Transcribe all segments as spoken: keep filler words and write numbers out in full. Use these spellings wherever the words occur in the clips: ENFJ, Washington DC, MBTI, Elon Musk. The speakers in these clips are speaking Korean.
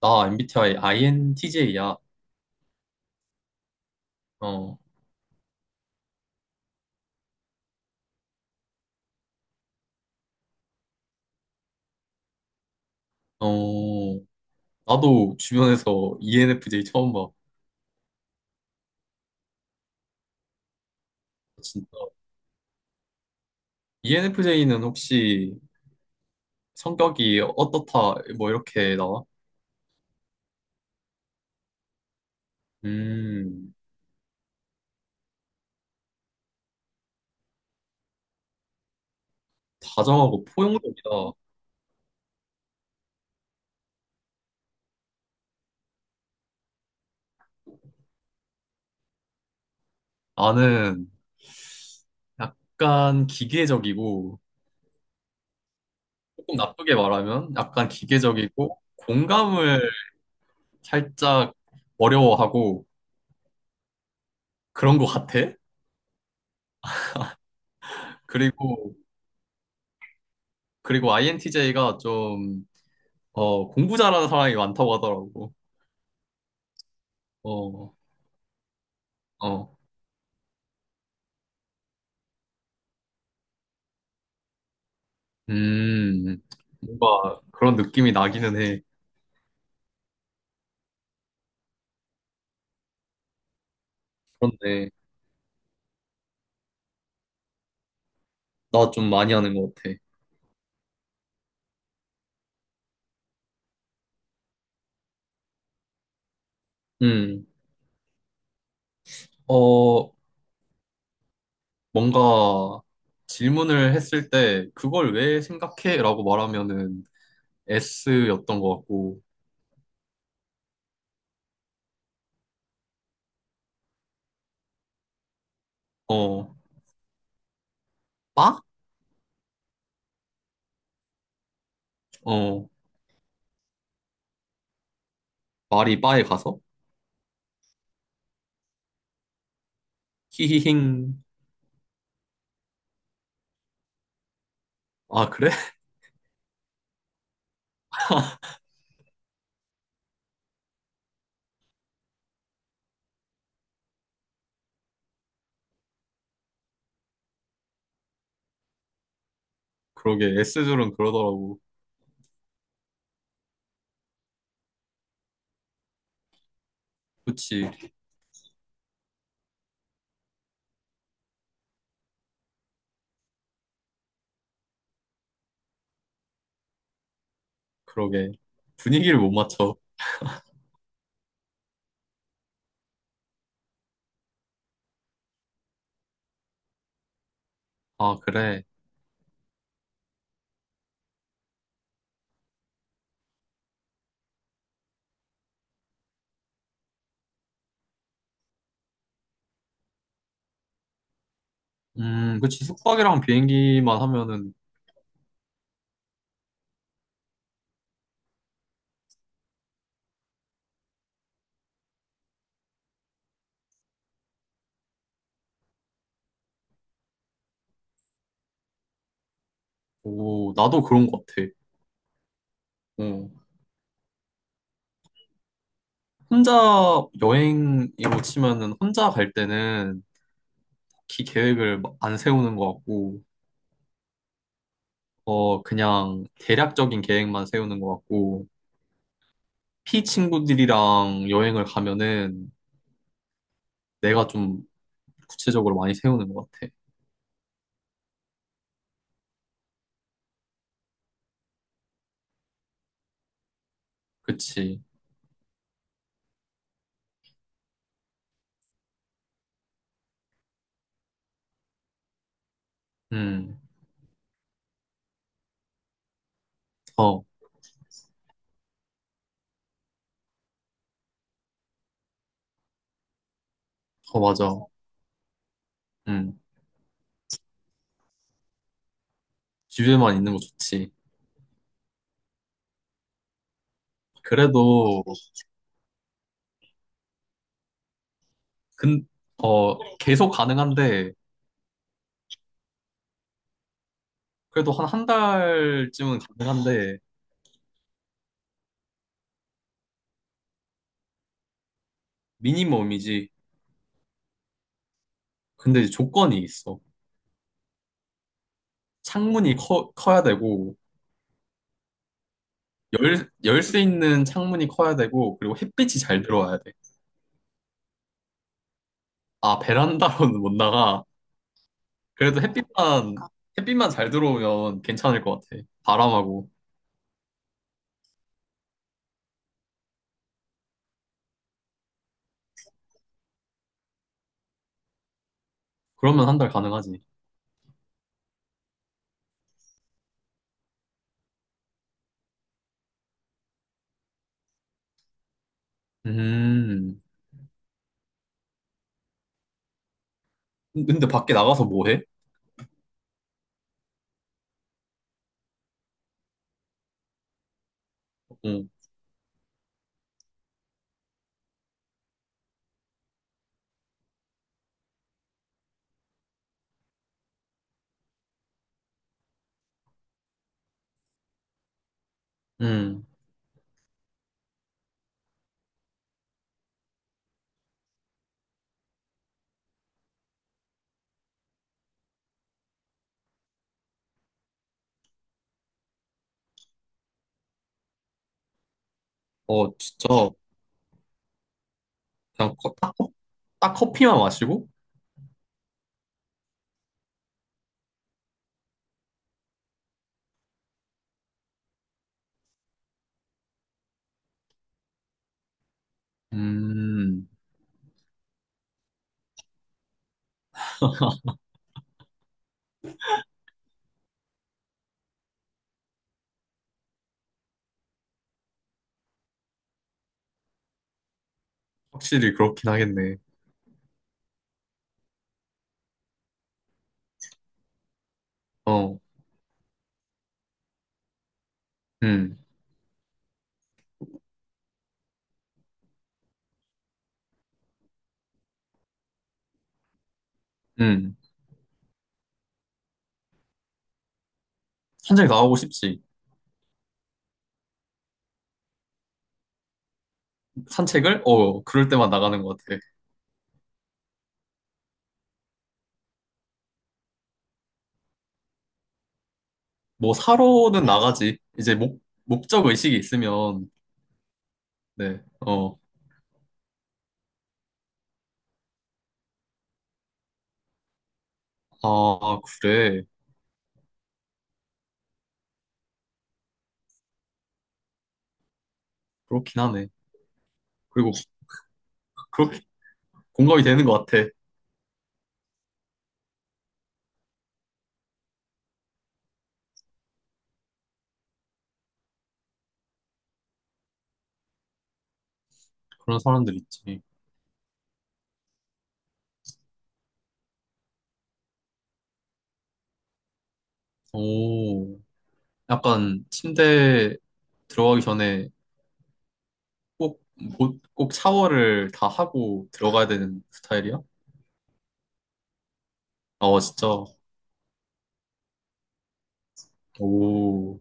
나 엠비티아이 아이엔티제이야. 어, 어, 나도 주변에서 이엔에프제이 처음 봐. 진짜. 이엔에프제이는 혹시 성격이 어떻다, 뭐 이렇게 나와? 음, 다정하고 포용적이다. 나는 약간 기계적이고, 조금 나쁘게 말하면 약간 기계적이고, 공감을 살짝 어려워하고 그런 것 같아. 그리고, 그리고 아이엔티제이가 좀 어, 공부 잘하는 사람이 많다고 하더라고. 어, 어. 음, 뭔가 그런 느낌이 나기는 해. 그런데, 나 좀 많이 하는 것 같아. 음, 어, 뭔가 질문을 했을 때, 그걸 왜 생각해? 라고 말하면은 S였던 것 같고, 어, 빠? 어, 말이 바에 가서? 히히힝. 아, 그래? 그러게, S들은 그러더라고. 그치, 그러게. 분위기를 못 맞춰. 아, 그래. 음, 그치. 숙박이랑 비행기만 하면은, 오, 나도 그런 것 같아. 어. 혼자 여행으로 치면은, 혼자 갈 때는 딱히 계획을 마- 안 세우는 것 같고, 어, 그냥 대략적인 계획만 세우는 것 같고, 피 친구들이랑 여행을 가면은 내가 좀 구체적으로 많이 세우는 것 같아. 그치. 음, 어, 어, 맞아. 음, 집에만 있는 거 좋지. 그래도, 근, 어, 계속 가능한데, 그래도 한 한 달쯤은 가능한데 미니멈이지. 근데 이제 조건이 있어. 창문이 커, 커야 되고 열, 열수 있는 창문이 커야 되고 그리고 햇빛이 잘 들어와야 돼. 아, 베란다로는 못 나가. 그래도 햇빛만 햇빛만 잘 들어오면 괜찮을 것 같아. 바람하고. 그러면 한 달 가능하지. 음. 근데 밖에 나가서 뭐 해? 어. 음. 어, 진짜 그냥 커- 딱, 커- 딱 커피만 마시고? 음. 확실히 그렇긴 하겠네. 어. 음, 음. 산책 나가고 싶지. 산책을? 어, 그럴 때만 나가는 것 같아. 뭐 사러는 나가지. 이제 목, 목적 의식이 있으면, 네, 어, 아, 그래. 그렇긴 하네. 그리고 그렇게 공감이 되는 것 같아. 그런 사람들 있지. 오, 약간 침대 들어가기 전에 꼭, 뭐- 꼭 샤워를 다 하고 들어가야 되는 스타일이야? 아, 진짜. 오,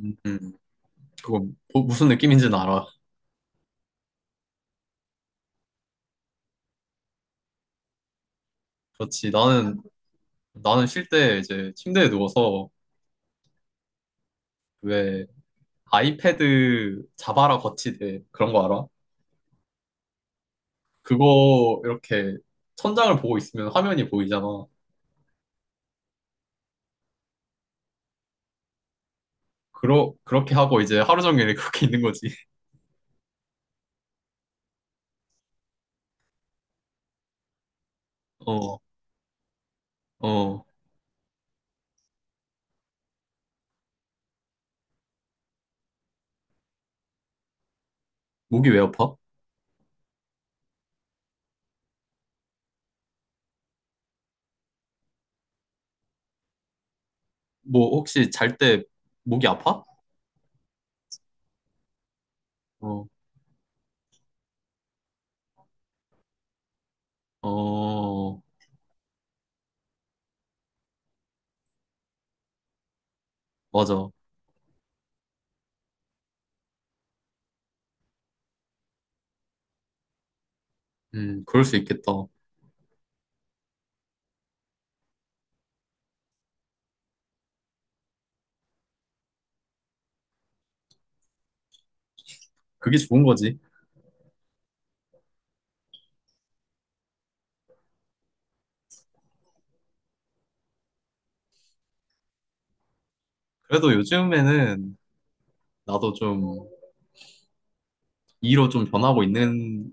음, 음. 그거 뭐- 무슨 느낌인지는 알아. 그렇지. 나는 나는 쉴 때 이제 침대에 누워서 왜 아이패드 자바라 거치대 그런 거 알아? 그거 이렇게 천장을 보고 있으면 화면이 보이잖아. 그러, 그렇게 하고 이제 하루 종일 그렇게 있는 거지. 어, 어. 목이 왜 아파? 뭐 혹시 잘 때 목이 아파? 어, 어, 맞아. 음, 그럴 수 있겠다. 그게 좋은 거지. 그래도 요즘에는 나도 좀 이로 좀 변하고 있는,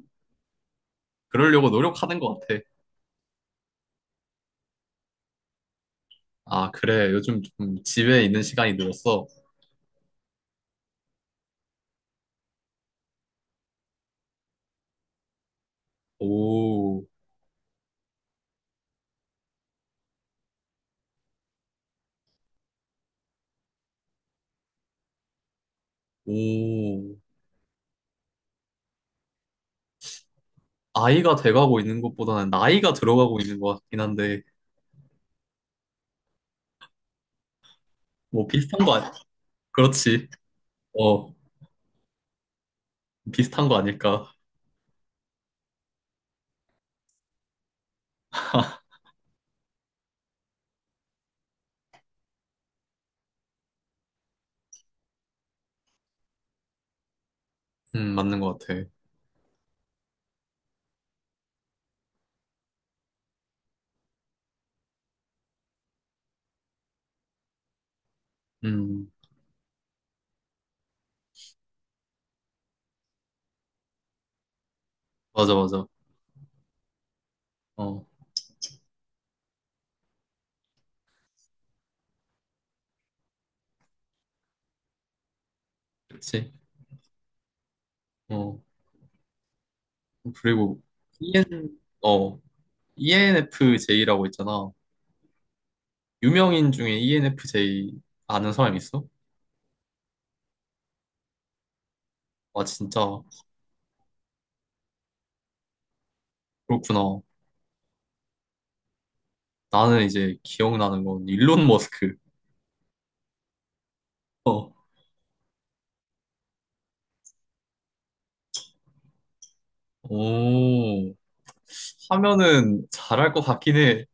그러려고 노력하는 것 같아. 아, 그래. 요즘 좀 집에 있는 시간이 늘었어. 오, 오. 아이가 돼가고 있는 것보다는 나이가 들어가고 있는 것 같긴 한데, 뭐 비슷한 거, 아. 그렇지. 어, 비슷한 거 아닐까. 음, 맞는 것 같아. 음, 맞아, 맞아. 어, 그치. 어, 그리고, 이엔, 어, 이엔에프제이라고 있잖아. 유명인 중에 이엔에프제이 아는 사람 있어? 아, 진짜. 그렇구나. 나는 이제 기억나는 건 일론 머스크. 어, 오, 하면은 잘할 것 같긴 해.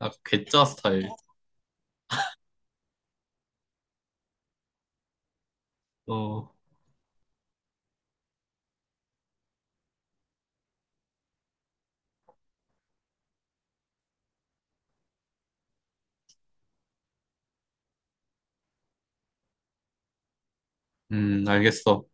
아, 괴짜 스타일. 어, 음, 알겠어.